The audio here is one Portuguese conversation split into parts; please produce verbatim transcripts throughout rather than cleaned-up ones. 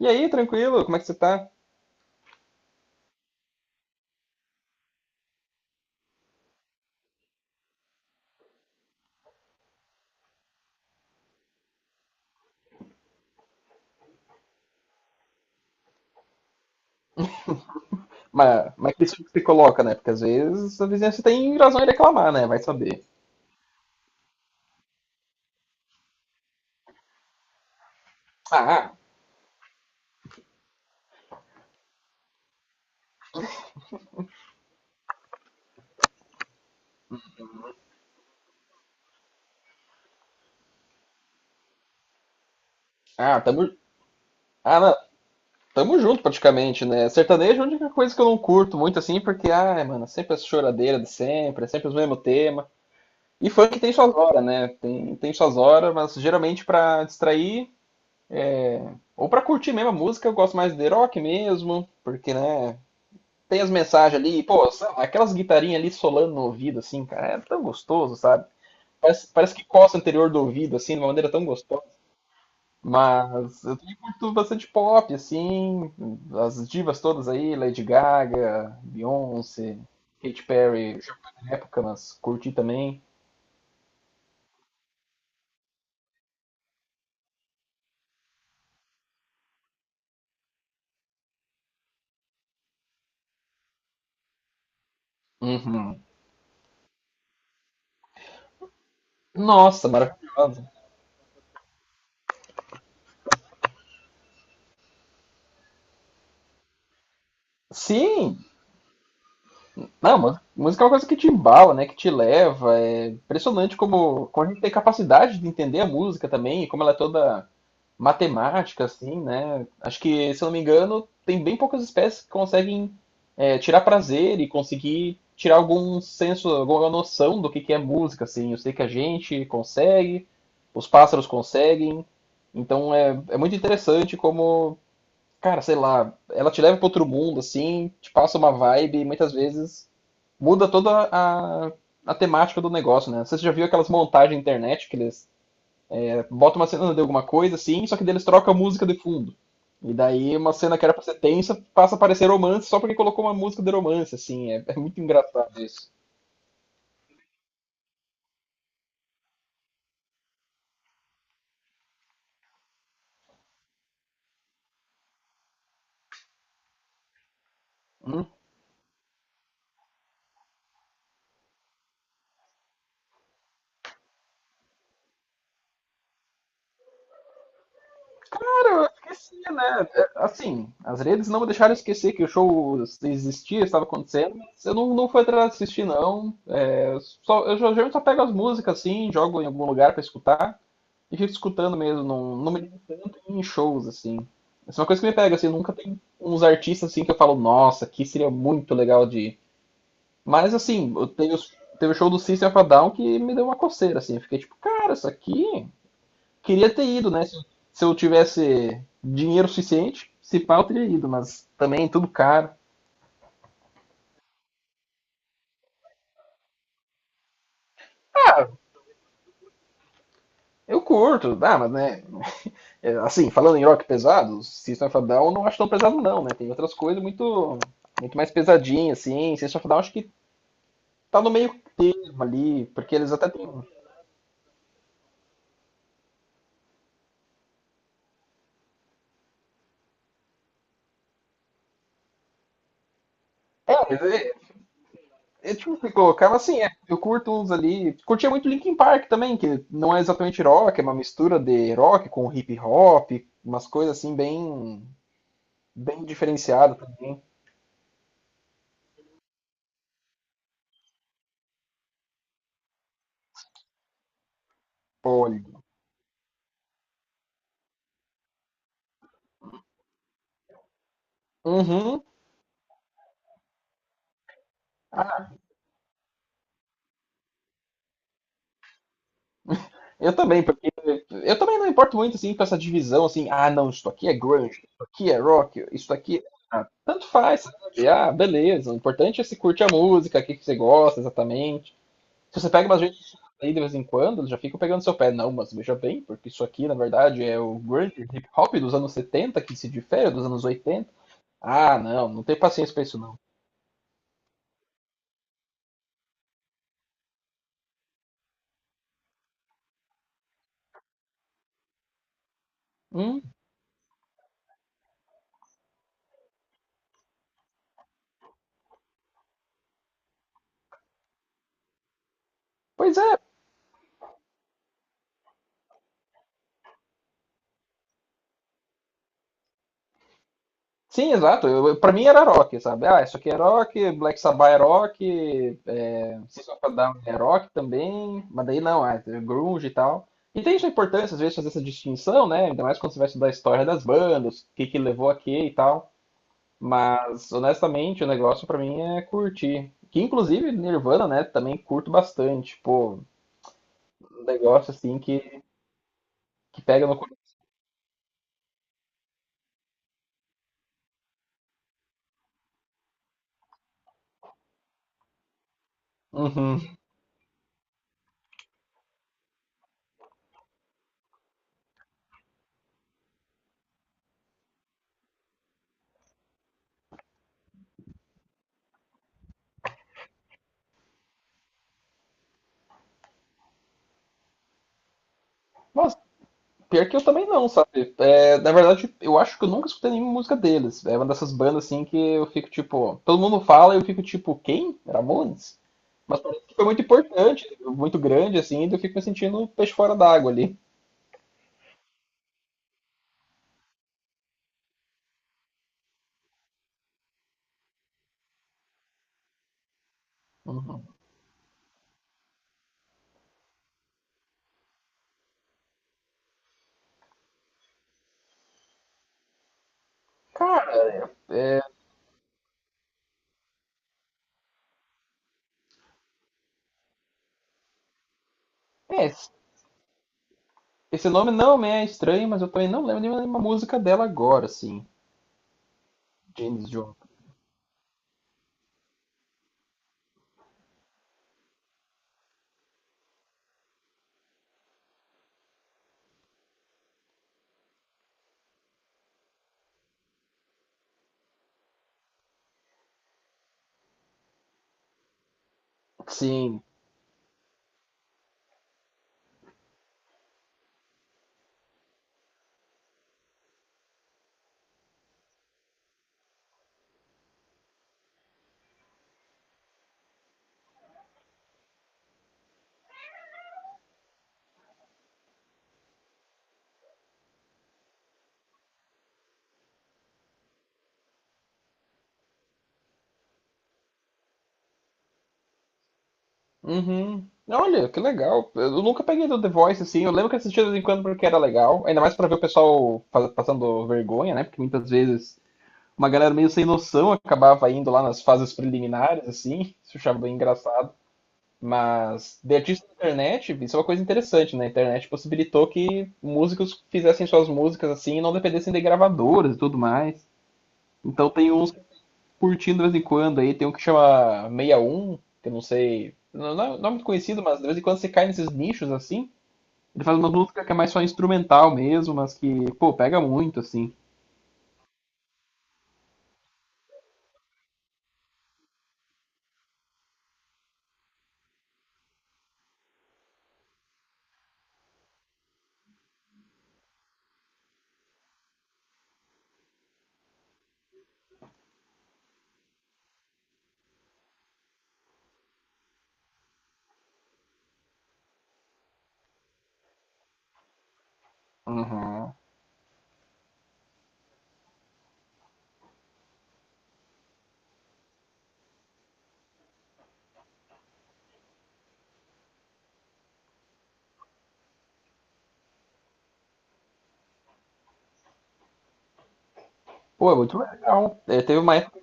E aí, tranquilo? Como é que você tá? Mas, mas que isso que se coloca, né? Porque às vezes a vizinhança tem razão em reclamar, né? Vai saber. Ah, ah, tamo, ah, não, tamo junto praticamente, né? Sertanejo é a única coisa que eu não curto muito assim, porque, ai, mano, sempre essa choradeira de sempre, é sempre o mesmo tema. E funk tem suas horas, né? Tem, tem suas horas, mas geralmente pra distrair é, ou pra curtir mesmo a música, eu gosto mais de rock mesmo, porque, né? Tem as mensagens ali, pô, sabe, aquelas guitarrinhas ali solando no ouvido, assim, cara, é tão gostoso, sabe? Parece, parece que coça o anterior do ouvido, assim, de uma maneira tão gostosa. Mas eu também curto bastante pop, assim, as divas todas aí, Lady Gaga, Beyoncé, Katy Perry, na época, mas curti também. Uhum. Nossa, maravilhosa. Sim, não, mas música é uma coisa que te embala, né? Que te leva. É impressionante como, como a gente tem capacidade de entender a música também, e como ela é toda matemática, assim, né? Acho que, se eu não me engano, tem bem poucas espécies que conseguem é, tirar prazer e conseguir tirar algum senso, alguma noção do que, que é música, assim. Eu sei que a gente consegue, os pássaros conseguem. Então é, é muito interessante como, cara, sei lá, ela te leva para outro mundo, assim, te passa uma vibe e muitas vezes muda toda a, a temática do negócio, né? Você já viu aquelas montagens na internet que eles bota uma cena de alguma coisa, assim, só que eles trocam a música de fundo. E daí uma cena que era pra ser tensa passa a parecer romance só porque colocou uma música de romance, assim. É, é muito engraçado isso. Hum. Cara, eu esqueci, né? É, assim, as redes não me deixaram esquecer que o show existia, estava acontecendo, mas eu não, não fui atrás de assistir, não. É, só, eu geralmente só pego as músicas, assim, jogo em algum lugar pra escutar. E fico escutando mesmo, não, não me ligo tanto em shows, assim. Essa é uma coisa que me pega, assim, nunca tem uns artistas assim que eu falo, nossa, que seria muito legal de ir. Mas assim, eu teve, os- teve o show do System of a Down que me deu uma coceira, assim. Eu fiquei tipo, cara, isso aqui queria ter ido, né? Se, se eu tivesse dinheiro suficiente, se pá, eu teria ido, mas também tudo caro. Ah, eu curto, dá mas né, é, assim, falando em rock pesado, System of a Down eu não acho tão pesado não, né? Tem outras coisas muito muito mais pesadinhas, assim. System of a Down acho que tá no meio termo ali, porque eles até têm. um- É, mas é, é, tipo, se colocava assim, é, eu curto uns ali. Curtia muito Linkin Park também, que não é exatamente rock, é uma mistura de rock com hip hop, umas coisas assim bem, bem diferenciadas também. Olha. Uhum. Ah, eu também, porque eu também não importo muito assim com essa divisão assim, ah não, isso aqui é grunge, isso aqui é rock, isso aqui ah, tanto faz, sabe? Ah, beleza. O importante é se curte a música, o que que você gosta exatamente. Se você pega umas redes aí de vez em quando, eles já ficam pegando seu pé. Não, mas veja bem, porque isso aqui, na verdade, é o grunge hip hop dos anos setenta que se difere dos anos oitenta. Ah, não, não tem paciência pra isso, não. Hum, pois é, sim, exato. Eu, eu- pra mim era rock, sabe? Ah, isso aqui é rock, Black Sabbath é rock, é, System of a Down é rock também, mas daí não, ah, é grunge e tal. E tem sua importância, às vezes, fazer essa distinção, né? Ainda mais quando você vai estudar a história das bandas, o que que levou a quê e tal. Mas, honestamente, o negócio pra mim é curtir. Que, inclusive, Nirvana, né, também curto bastante. Pô, um negócio assim que, que pega no coração. Uhum. Mas, pior que eu também não, sabe? É, na verdade, eu acho que eu nunca escutei nenhuma música deles. É uma dessas bandas assim que eu fico tipo. Todo mundo fala e eu fico tipo, quem? Ramones? Mas parece que foi muito importante, muito grande, assim, e eu fico me sentindo um peixe fora d'água ali. Uhum. Cara, é, esse nome não me é estranho, mas eu também não lembro de nenhuma música dela agora, assim. James Jones. Sim. Uhum. Olha, que legal. Eu nunca peguei do The Voice, assim. Eu lembro que assistia de vez em quando porque era legal. Ainda mais pra ver o pessoal fa- passando vergonha, né? Porque muitas vezes uma galera meio sem noção acabava indo lá nas fases preliminares, assim. Isso eu achava bem engraçado. Mas de artista na internet, isso é uma coisa interessante, né? A internet possibilitou que músicos fizessem suas músicas assim e não dependessem de gravadoras e tudo mais. Então tem uns curtindo de vez em quando aí. Tem um que chama sessenta e um que eu não sei. Não, não é, não é muito conhecido, mas de vez em quando você cai nesses nichos assim. Ele faz uma música que é mais só instrumental mesmo, mas que, pô, pega muito, assim. Uhum. Pô, é muito legal. É, teve uma época,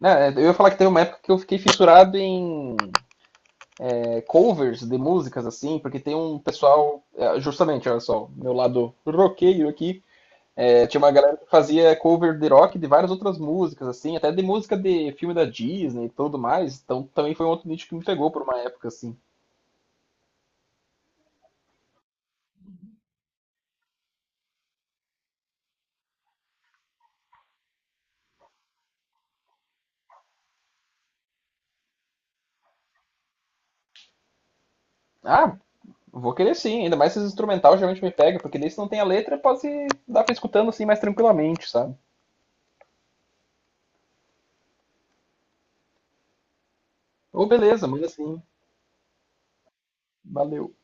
né, eu ia falar que teve uma época que eu fiquei fissurado em é, covers de músicas, assim, porque tem um pessoal. é, Justamente, olha só, meu lado roqueiro aqui. É, tinha uma galera que fazia cover de rock de várias outras músicas, assim, até de música de filme da Disney e tudo mais. Então também foi um outro nicho que me pegou por uma época, assim. Ah, vou querer sim, ainda mais se instrumental geralmente me pega, porque daí se não tem a letra, pode dar pra ir escutando assim mais tranquilamente, sabe? Ô, beleza, manda assim, valeu.